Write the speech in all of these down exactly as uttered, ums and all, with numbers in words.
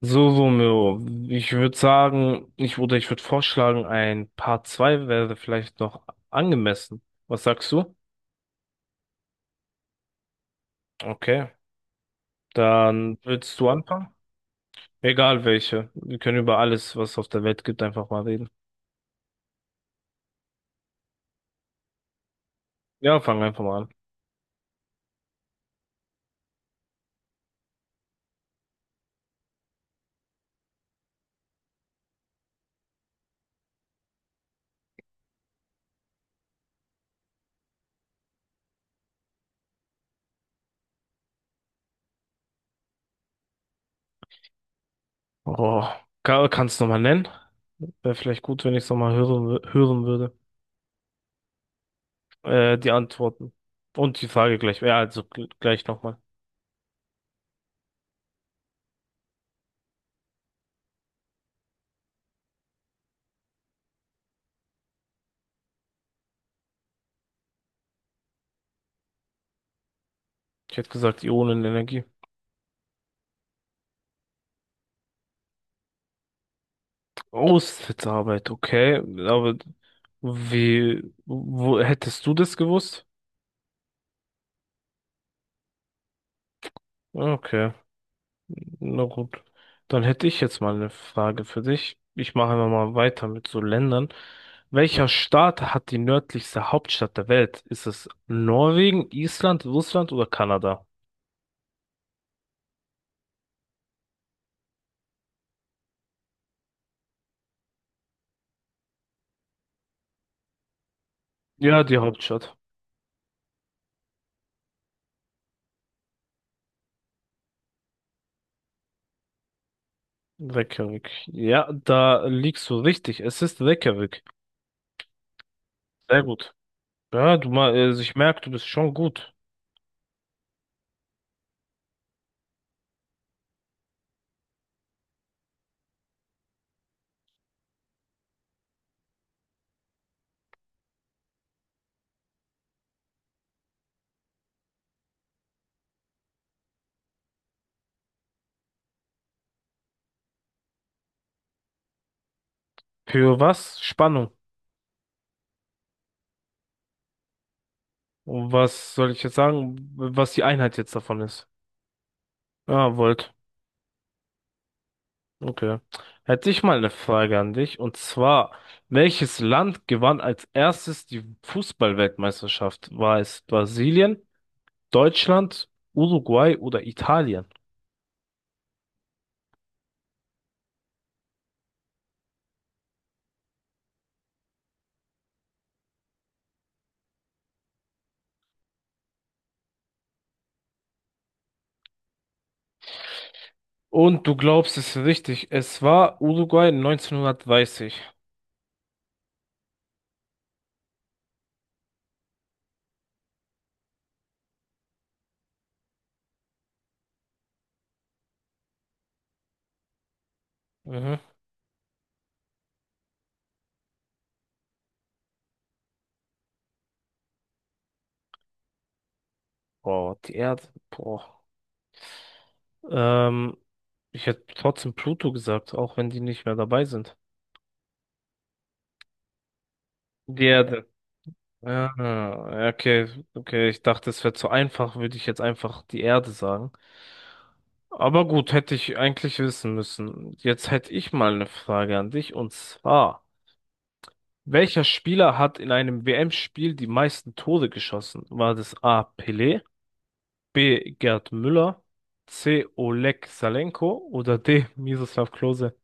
So, so, Romeo, ich würde sagen, ich würde, ich würde vorschlagen, ein Part zwei wäre vielleicht noch angemessen. Was sagst du? Okay, dann willst du anfangen? Egal welche. Wir können über alles, was es auf der Welt gibt, einfach mal reden. Ja, fang einfach mal an. Oh, kann, kannst du nochmal nennen? Wäre vielleicht gut, wenn ich es nochmal hören, wü- hören würde. Äh, die Antworten. Und die Frage gleich. Ja, also gl- gleich nochmal. Ich hätte gesagt, Ionenenergie. Aushilfsarbeit, okay. Aber wie, wo hättest du das gewusst? Ah, Okay, na gut. Dann hätte ich jetzt mal eine Frage für dich. Ich mache einfach mal weiter mit so Ländern. Welcher Staat hat die nördlichste Hauptstadt der Welt? Ist es Norwegen, Island, Russland oder Kanada? Ja, die Hauptstadt. Reykjavik. Ja, da liegst du richtig. Es ist Reykjavik. Sehr gut. Ja, du mal, also ich merke, du bist schon gut. Für was? Spannung. Was soll ich jetzt sagen, was die Einheit jetzt davon ist? Ah, Volt. Okay. Hätte ich mal eine Frage an dich. Und zwar, welches Land gewann als erstes die Fußballweltmeisterschaft? War es Brasilien, Deutschland, Uruguay oder Italien? Und du glaubst es richtig, es war Uruguay neunzehnhundertdreißig. Mhm. Boah, die Erde. Boah. Ähm, ich hätte trotzdem Pluto gesagt, auch wenn die nicht mehr dabei sind. Die Erde. Ja, ja, okay, okay. Ich dachte, es wäre zu einfach, würde ich jetzt einfach die Erde sagen. Aber gut, hätte ich eigentlich wissen müssen. Jetzt hätte ich mal eine Frage an dich und zwar, welcher Spieler hat in einem W M-Spiel die meisten Tore geschossen? War das A. Pelé, B. Gerd Müller, C. Oleg Salenko oder D. Miroslav Klose?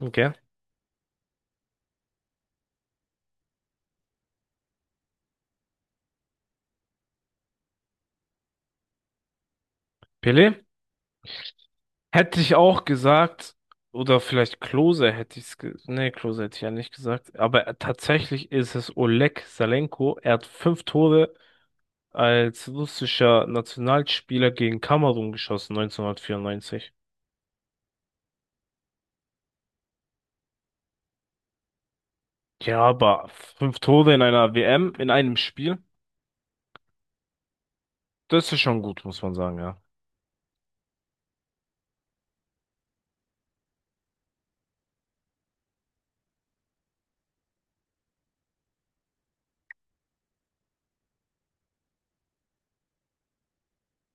Okay. Pelé? Hätte ich auch gesagt, oder vielleicht Klose hätte ich es ge nee, Klose hätte ich ja nicht gesagt, aber äh, tatsächlich ist es Oleg Salenko. Er hat fünf Tore als russischer Nationalspieler gegen Kamerun geschossen, neunzehnhundertvierundneunzig. Ja, aber fünf Tore in einer W M, in einem Spiel, das ist schon gut, muss man sagen, ja.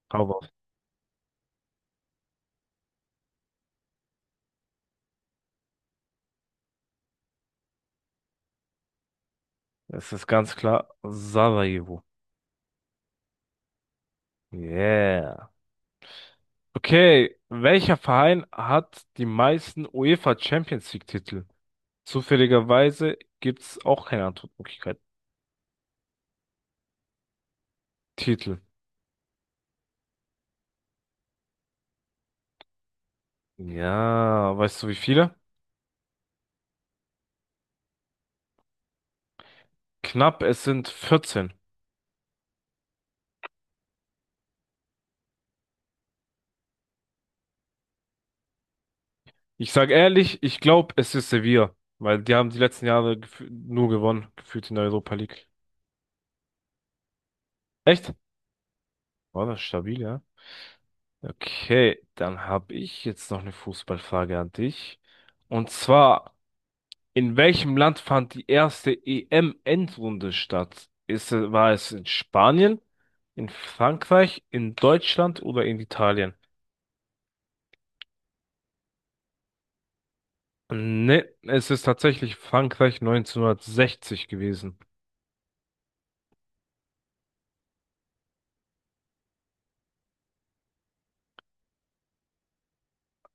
Aber es ist ganz klar Sarajevo. Yeah. Okay, welcher Verein hat die meisten UEFA Champions League Titel? Zufälligerweise gibt's auch keine Antwortmöglichkeit. Titel. Ja, weißt du wie viele? Knapp, es sind vierzehn. Ich sag ehrlich, ich glaube, es ist Sevilla, weil die haben die letzten Jahre gefü- nur gewonnen, gefühlt in der Europa League. Echt? War das stabil, ja? Okay, dann habe ich jetzt noch eine Fußballfrage an dich. Und zwar, in welchem Land fand die erste E M-Endrunde statt? Ist, es- war es in Spanien, in Frankreich, in Deutschland oder in Italien? Ne, es ist tatsächlich Frankreich neunzehnhundertsechzig gewesen.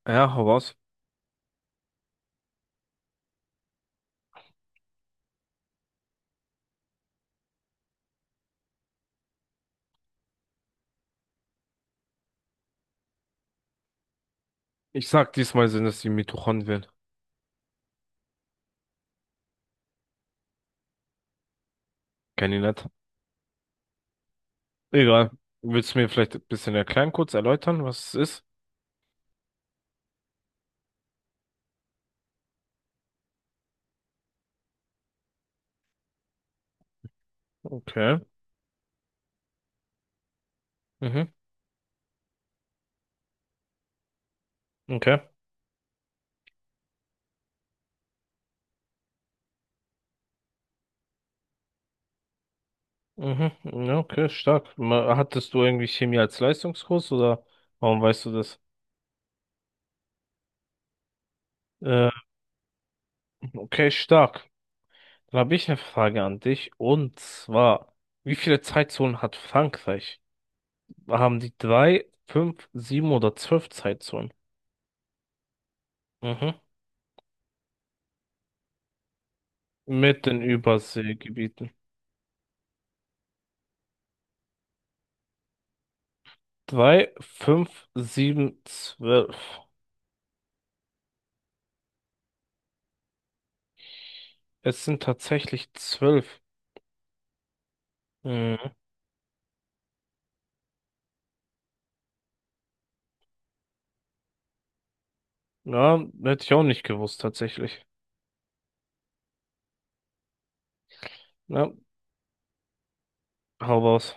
Ja, hau raus. Ich sag, diesmal sind es die Mitochondrien. Kenn ich nicht. Egal. Willst du mir vielleicht ein bisschen erklären, kurz erläutern, was es ist? Okay. Mhm. Okay. Mhm. Ja, okay, stark. Ma- Hattest du irgendwie Chemie als Leistungskurs oder warum weißt du das? Äh, Okay, stark. Dann habe ich eine Frage an dich. Und zwar, wie viele Zeitzonen hat Frankreich? Haben die drei, fünf, sieben oder zwölf Zeitzonen? Mhm. Mit den Überseegebieten. Drei, fünf, sieben, zwölf. Es sind tatsächlich zwölf. Mhm. Ja, hätte ich auch nicht gewusst, tatsächlich. Ja, hau raus.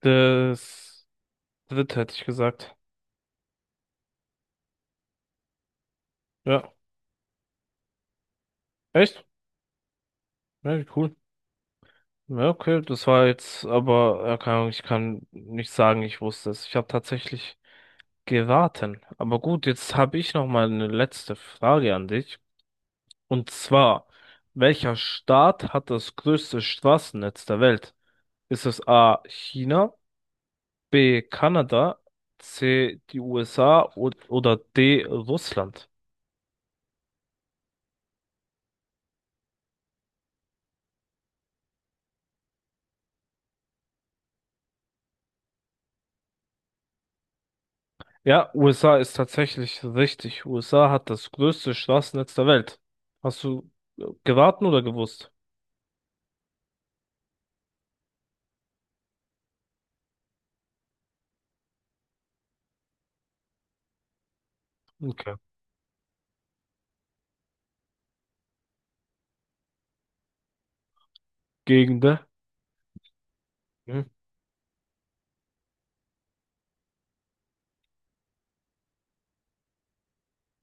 Das dritte hätte ich gesagt. Ja. Echt? Ja, wie cool. Ja, okay, das war jetzt, aber ja, keine Ahnung, ich kann nicht sagen, ich wusste es. Ich habe tatsächlich geraten. Aber gut, jetzt habe ich noch mal eine letzte Frage an dich. Und zwar, welcher Staat hat das größte Straßennetz der Welt? Ist es A. China, B. Kanada, C. die U S A und, oder D. Russland? Ja, U S A ist tatsächlich richtig. U S A hat das größte Straßennetz der Welt. Hast du äh, geraten oder gewusst? Okay. Gegend, ne? Mhm.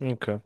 Okay.